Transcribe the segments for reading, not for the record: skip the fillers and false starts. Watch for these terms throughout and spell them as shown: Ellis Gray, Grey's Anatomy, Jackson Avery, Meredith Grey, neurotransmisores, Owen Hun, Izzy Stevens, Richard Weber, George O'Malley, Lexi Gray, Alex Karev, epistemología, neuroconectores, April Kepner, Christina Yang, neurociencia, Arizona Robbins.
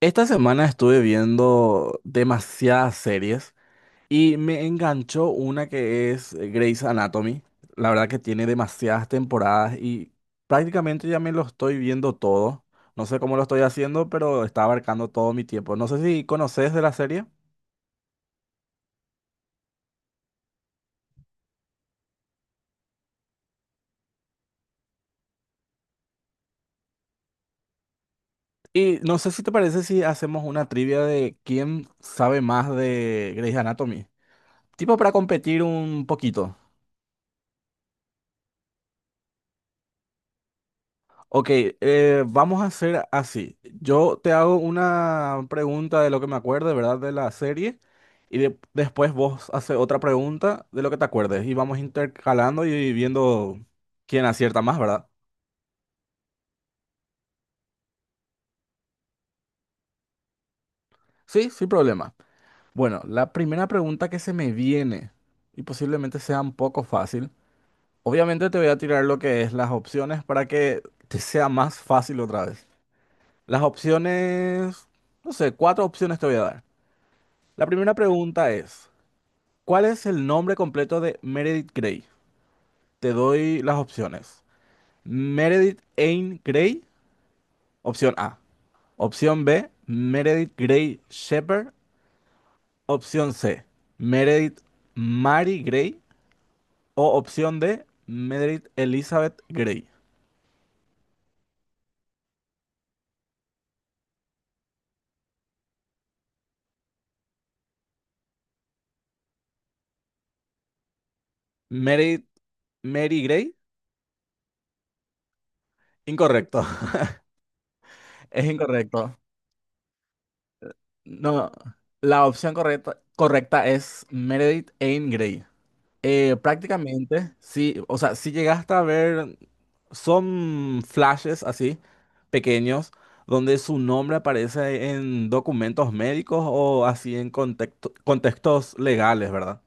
Esta semana estuve viendo demasiadas series y me enganchó una que es Grey's Anatomy. La verdad que tiene demasiadas temporadas y prácticamente ya me lo estoy viendo todo. No sé cómo lo estoy haciendo, pero está abarcando todo mi tiempo. No sé si conoces de la serie. Y no sé si te parece si hacemos una trivia de quién sabe más de Grey's Anatomy. Tipo para competir un poquito. Ok, vamos a hacer así. Yo te hago una pregunta de lo que me acuerde, ¿verdad? De la serie. Y después vos haces otra pregunta de lo que te acuerdes. Y vamos intercalando y viendo quién acierta más, ¿verdad? Sí, sin problema. Bueno, la primera pregunta que se me viene, y posiblemente sea un poco fácil. Obviamente te voy a tirar lo que es las opciones para que te sea más fácil otra vez. Las opciones, no sé, cuatro opciones te voy a dar. La primera pregunta es... ¿Cuál es el nombre completo de Meredith Grey? Te doy las opciones. Meredith Anne Grey, opción A. Opción B, Meredith Grey Shepherd. Opción C, Meredith Mary Grey. O opción D, Meredith Elizabeth Grey. Meredith Mary Grey. Incorrecto, es incorrecto. No, la opción correcta, correcta es Meredith Anne Grey. Prácticamente, sí, o sea, si llegaste a ver. Son flashes así, pequeños, donde su nombre aparece en documentos médicos o así en contextos legales, ¿verdad?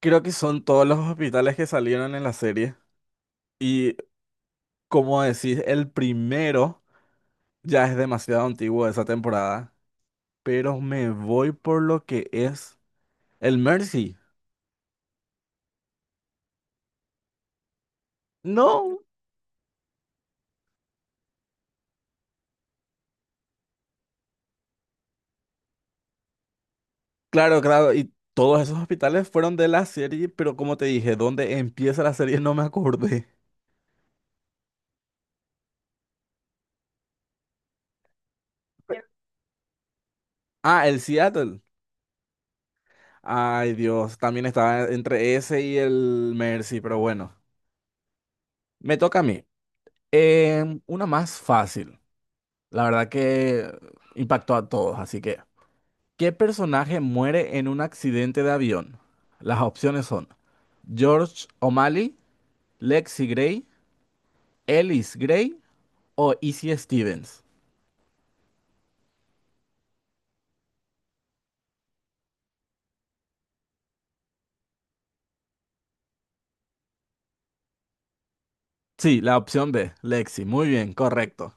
Creo que son todos los hospitales que salieron en la serie. Y como decís, el primero ya es demasiado antiguo de esa temporada. Pero me voy por lo que es el Mercy. No, claro, claro. Y todos esos hospitales fueron de la serie. Pero como te dije, donde empieza la serie no me acordé. Ah, el Seattle. Ay, Dios, también estaba entre ese y el Mercy, pero bueno, me toca a mí. Una más fácil. La verdad que impactó a todos, así que, ¿qué personaje muere en un accidente de avión? Las opciones son George O'Malley, Lexi Gray, Ellis Gray o Izzy Stevens. Sí, la opción B, Lexi. Muy bien, correcto.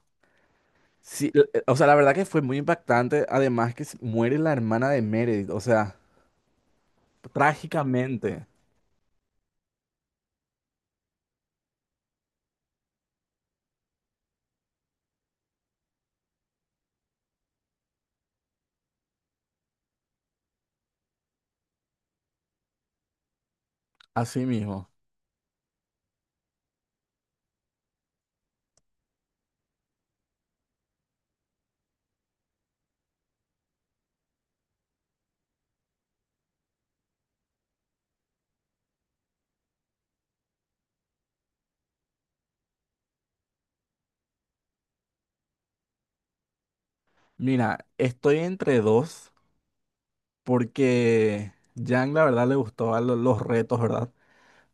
Sí, o sea, la verdad que fue muy impactante. Además que muere la hermana de Meredith, o sea, trágicamente. Así mismo. Mira, estoy entre dos porque Yang la verdad le gustaba los retos, ¿verdad?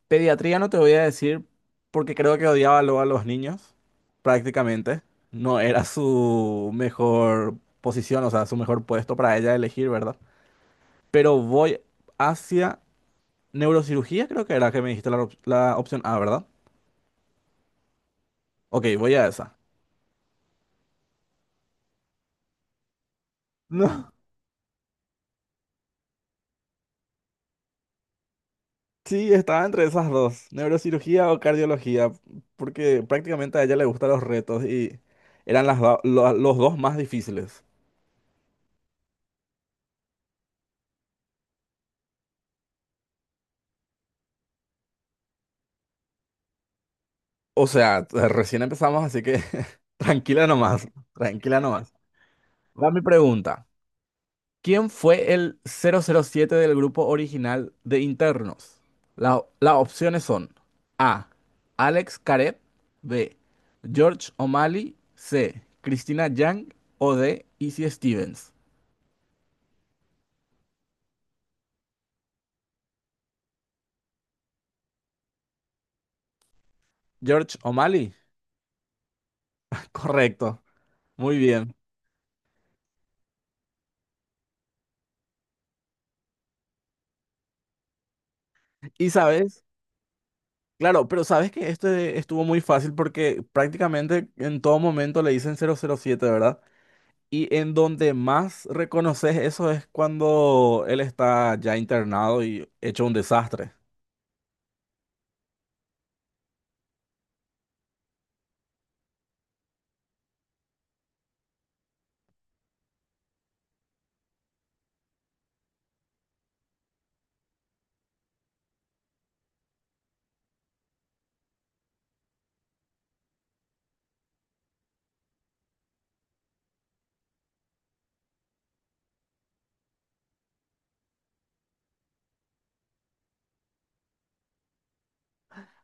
Pediatría no te voy a decir porque creo que odiaba luego a los niños, prácticamente. No era su mejor posición, o sea, su mejor puesto para ella elegir, ¿verdad? Pero voy hacia neurocirugía, creo que era que me dijiste la la opción A, ¿verdad? Ok, voy a esa. No, sí, estaba entre esas dos, neurocirugía o cardiología, porque prácticamente a ella le gustan los retos y eran los dos más difíciles. O sea, recién empezamos, así que tranquila nomás, tranquila nomás. Va mi pregunta. ¿Quién fue el 007 del grupo original de internos? Las opciones son A. Alex Karev, B. George O'Malley, C. Christina Yang o D. Izzy Stevens. George O'Malley. Correcto. Muy bien. Y sabes, claro, pero sabes que este estuvo muy fácil porque prácticamente en todo momento le dicen 007, ¿verdad? Y en donde más reconoces eso es cuando él está ya internado y hecho un desastre.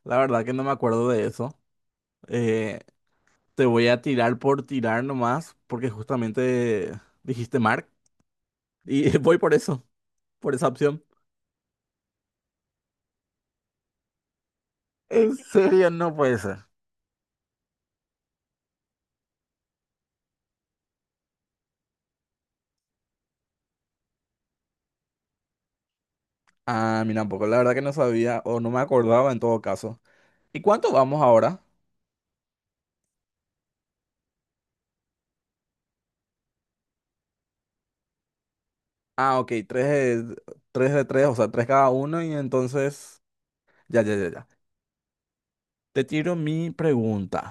La verdad que no me acuerdo de eso. Eh, te voy a tirar por tirar nomás, porque justamente dijiste Mark. Y voy por eso, por esa opción. En serio, no puede ser. Ah, mira, tampoco. La verdad que no sabía o no me acordaba en todo caso. ¿Y cuánto vamos ahora? Ah, ok, tres de tres, de tres, o sea, tres cada uno. Y entonces, ya, ya, ya, ya. Te tiro mi pregunta.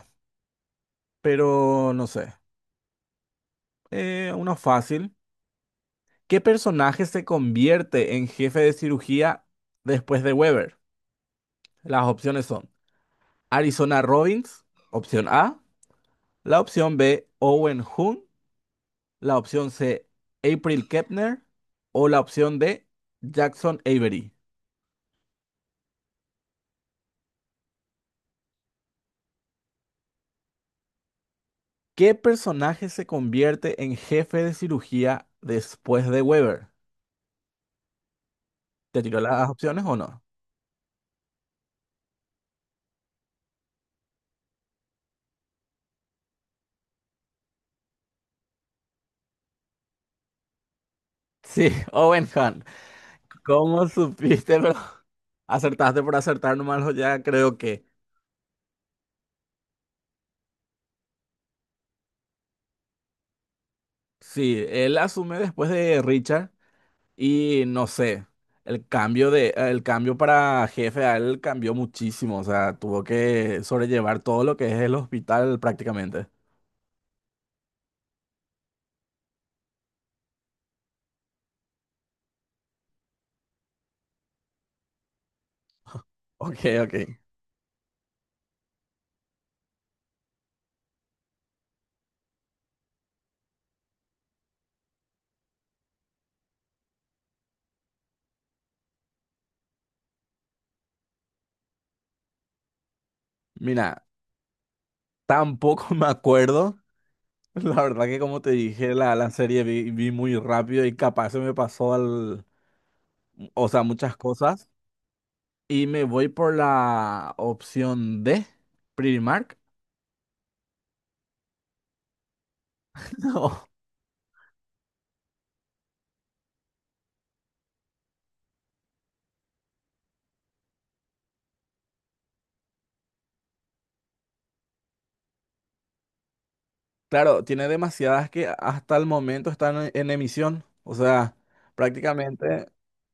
Pero no sé. Uno fácil. ¿Qué personaje se convierte en jefe de cirugía después de Weber? Las opciones son Arizona Robbins, opción A, la opción B, Owen Hun, la opción C, April Kepner o la opción D, Jackson Avery. ¿Qué personaje se convierte en jefe de cirugía después de Weber? ¿Te tiró las opciones o no? Sí, Owen Hun. ¿Cómo supiste, bro? Acertaste por acertar nomás, ya creo que sí, él asume después de Richard y no sé, el cambio para jefe a él cambió muchísimo, o sea, tuvo que sobrellevar todo lo que es el hospital prácticamente. Ok, ok. Mira, tampoco me acuerdo, la verdad que como te dije, la serie vi muy rápido y capaz se me pasó o sea, muchas cosas y me voy por la opción D, Primark. Claro, tiene demasiadas que hasta el momento están en emisión. O sea, prácticamente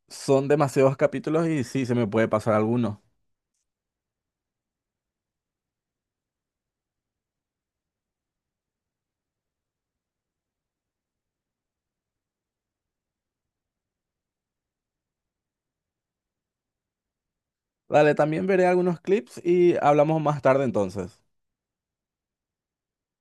son demasiados capítulos y sí, se me puede pasar alguno. Dale, también veré algunos clips y hablamos más tarde entonces.